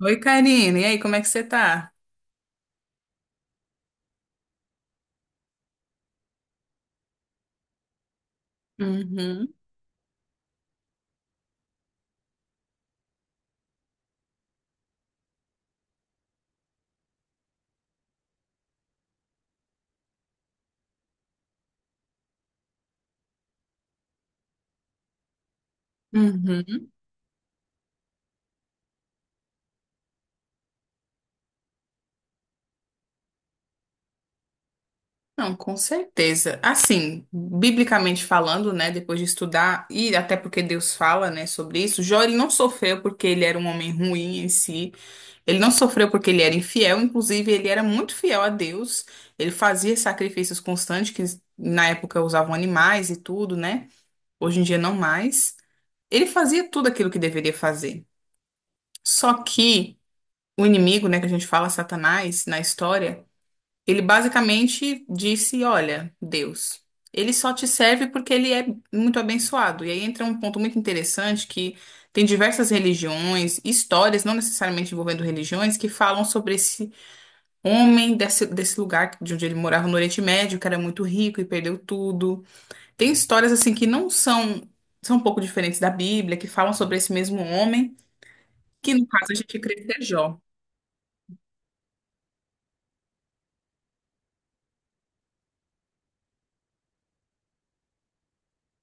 Oi, Karine. E aí, como é que você tá? Uhum. Uhum. Não, com certeza. Assim, biblicamente falando, né, depois de estudar, e até porque Deus fala, né, sobre isso, Jó ele não sofreu porque ele era um homem ruim em si, ele não sofreu porque ele era infiel, inclusive ele era muito fiel a Deus, ele fazia sacrifícios constantes, que na época usavam animais e tudo, né, hoje em dia não mais. Ele fazia tudo aquilo que deveria fazer. Só que o inimigo, né, que a gente fala, Satanás, na história, ele basicamente disse: Olha, Deus, ele só te serve porque ele é muito abençoado. E aí entra um ponto muito interessante que tem diversas religiões, histórias, não necessariamente envolvendo religiões, que falam sobre esse homem desse lugar de onde ele morava no Oriente Médio, que era muito rico e perdeu tudo. Tem histórias assim que não são, são um pouco diferentes da Bíblia, que falam sobre esse mesmo homem, que no caso a gente crê que é Jó.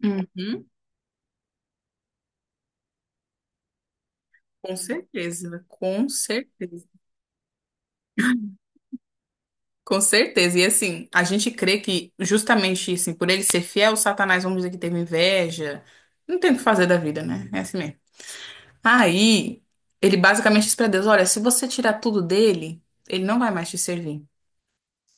Uhum, com certeza, com certeza. Com certeza. E assim, a gente crê que justamente assim, por ele ser fiel, Satanás, vamos dizer que teve inveja. Não tem o que fazer da vida, né? É assim mesmo. Aí, ele basicamente diz pra Deus: Olha, se você tirar tudo dele, ele não vai mais te servir.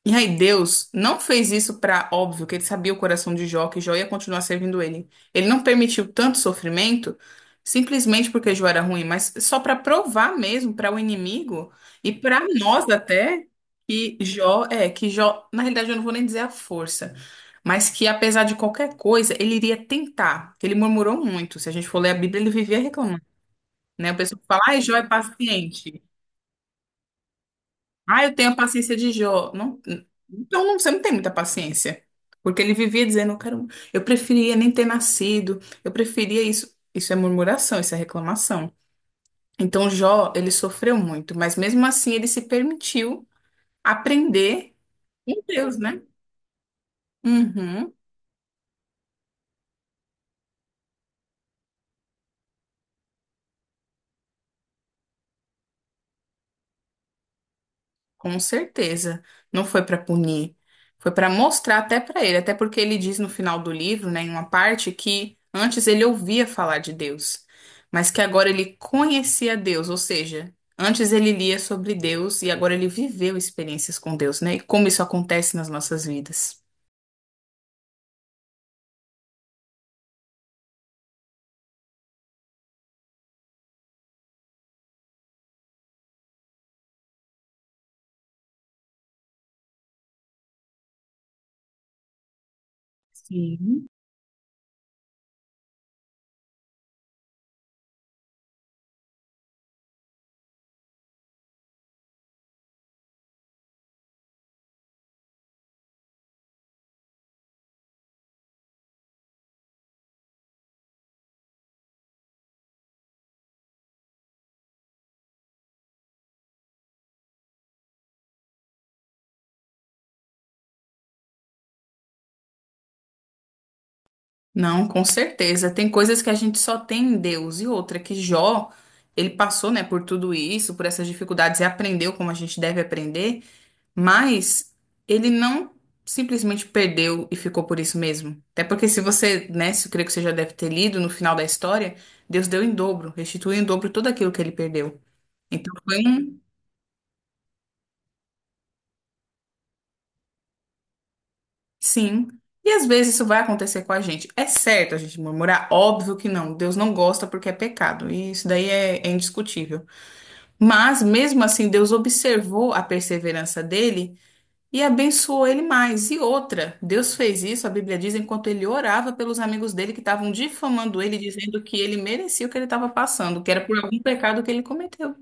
E aí, Deus não fez isso, para óbvio que ele sabia o coração de Jó, que Jó ia continuar servindo ele. Ele não permitiu tanto sofrimento simplesmente porque Jó era ruim, mas só para provar mesmo para o inimigo e para nós até que Jó, na realidade eu não vou nem dizer a força, mas que apesar de qualquer coisa, ele iria tentar. Ele murmurou muito. Se a gente for ler a Bíblia, ele vivia reclamando, né? O pessoal fala: "Ai, Jó é paciente". Ah, eu tenho a paciência de Jó. Não, então não, você não tem muita paciência. Porque ele vivia dizendo, eu quero, eu preferia nem ter nascido, eu preferia isso. Isso é murmuração, isso é reclamação. Então Jó, ele sofreu muito, mas mesmo assim ele se permitiu aprender com Deus, né? Uhum. Com certeza. Não foi para punir, foi para mostrar até para ele, até porque ele diz no final do livro, né, em uma parte, que antes ele ouvia falar de Deus, mas que agora ele conhecia Deus, ou seja, antes ele lia sobre Deus e agora ele viveu experiências com Deus, né? E como isso acontece nas nossas vidas. Sim. Não, com certeza. Tem coisas que a gente só tem em Deus. E outra, que Jó, ele passou, né, por tudo isso, por essas dificuldades e aprendeu como a gente deve aprender. Mas ele não simplesmente perdeu e ficou por isso mesmo. Até porque se você, né, se eu creio que você já deve ter lido no final da história, Deus deu em dobro, restituiu em dobro tudo aquilo que ele perdeu. Então foi um sim. E às vezes isso vai acontecer com a gente. É certo a gente murmurar? Óbvio que não. Deus não gosta porque é pecado. E isso daí é indiscutível. Mas mesmo assim, Deus observou a perseverança dele e abençoou ele mais. E outra, Deus fez isso, a Bíblia diz, enquanto ele orava pelos amigos dele que estavam difamando ele, dizendo que ele merecia o que ele estava passando, que era por algum pecado que ele cometeu.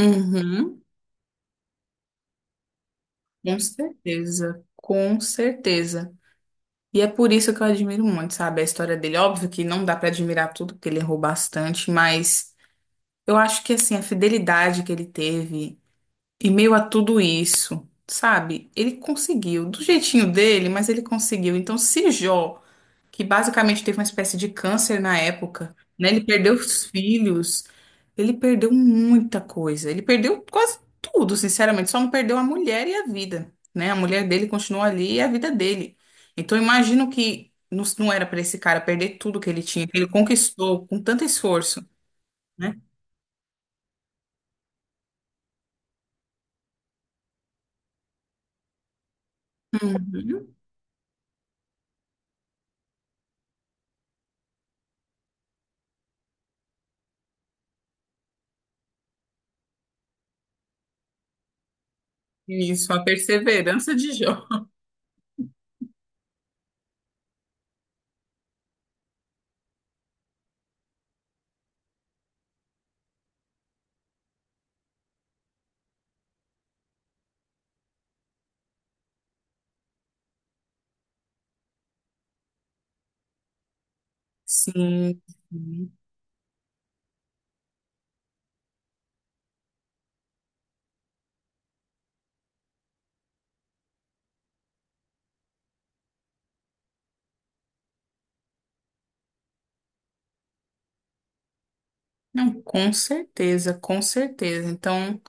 Uhum, com certeza, com certeza. E é por isso que eu admiro muito, sabe, a história dele. Óbvio que não dá para admirar tudo, porque ele errou bastante, mas eu acho que, assim, a fidelidade que ele teve, e meio a tudo isso, sabe, ele conseguiu, do jeitinho dele, mas ele conseguiu. Então, se Jó, que basicamente teve uma espécie de câncer na época, né? Ele perdeu os filhos, ele perdeu muita coisa, ele perdeu quase tudo, sinceramente, só não perdeu a mulher e a vida, né? A mulher dele continuou ali e a vida dele. Então, eu imagino que não era para esse cara perder tudo que ele tinha, que ele conquistou com tanto esforço, né? Uhum. Isso, a perseverança de Jó. Sim. Sim. Não, com certeza, com certeza. Então,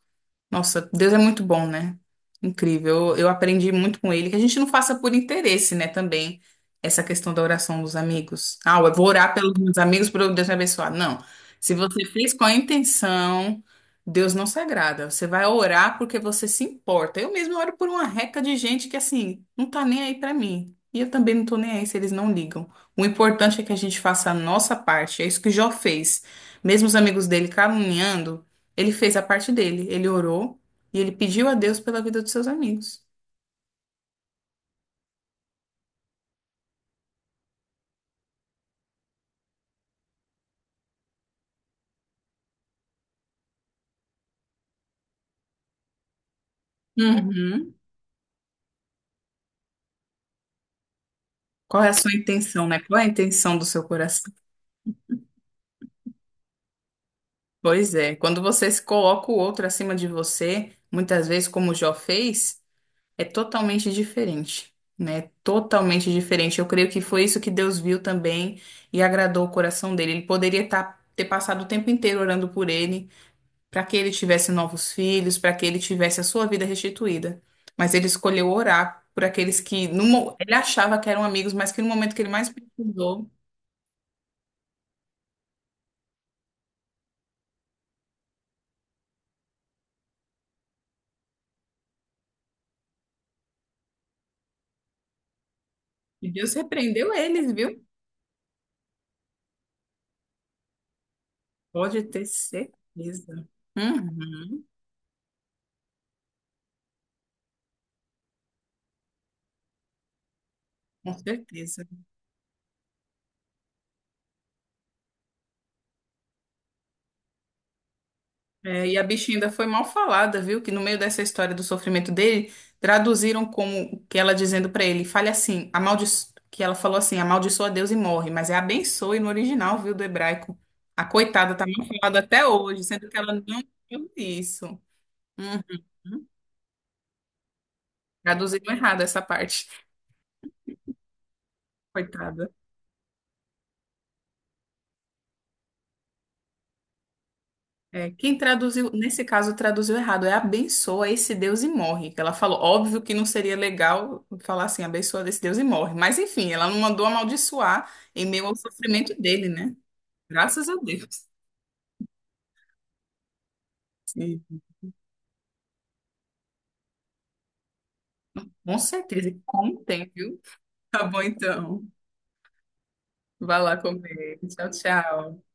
nossa, Deus é muito bom, né? Incrível. Eu aprendi muito com ele, que a gente não faça por interesse, né, também, essa questão da oração dos amigos. Ah, eu vou orar pelos meus amigos para Deus me abençoar. Não. Se você fez com a intenção, Deus não se agrada. Você vai orar porque você se importa. Eu mesmo oro por uma reca de gente que, assim, não tá nem aí para mim. E eu também não tô nem aí se eles não ligam. O importante é que a gente faça a nossa parte. É isso que Jó fez. Mesmo os amigos dele caluniando. Ele fez a parte dele, ele orou e ele pediu a Deus pela vida dos seus amigos. Uhum. Qual é a sua intenção, né? Qual é a intenção do seu coração? Pois é, quando você se coloca o outro acima de você, muitas vezes, como o Jó fez, é totalmente diferente, né? Totalmente diferente. Eu creio que foi isso que Deus viu também e agradou o coração dele. Ele poderia ter passado o tempo inteiro orando por ele, para que ele tivesse novos filhos, para que ele tivesse a sua vida restituída. Mas ele escolheu orar por aqueles que no mo- ele achava que eram amigos, mas que no momento que ele mais precisou, e Deus repreendeu eles, viu? Pode ter certeza. Uhum, com certeza. É, e a bichinha ainda foi mal falada, viu? Que no meio dessa história do sofrimento dele, traduziram como que ela dizendo pra ele, fale assim, que ela falou assim, amaldiçoa Deus e morre, mas é abençoe no original, viu, do hebraico. A coitada tá mal falada até hoje, sendo que ela não viu isso. Uhum. Traduziram errado essa parte. Coitada. É, quem traduziu, nesse caso, traduziu errado, é abençoa esse Deus e morre, que ela falou, óbvio que não seria legal falar assim, abençoa esse Deus e morre. Mas enfim, ela não mandou amaldiçoar em meio ao sofrimento dele, né? Graças a Deus. Sim, com certeza, e como tem, viu? Tá bom então. Vai lá comer. Tchau, tchau.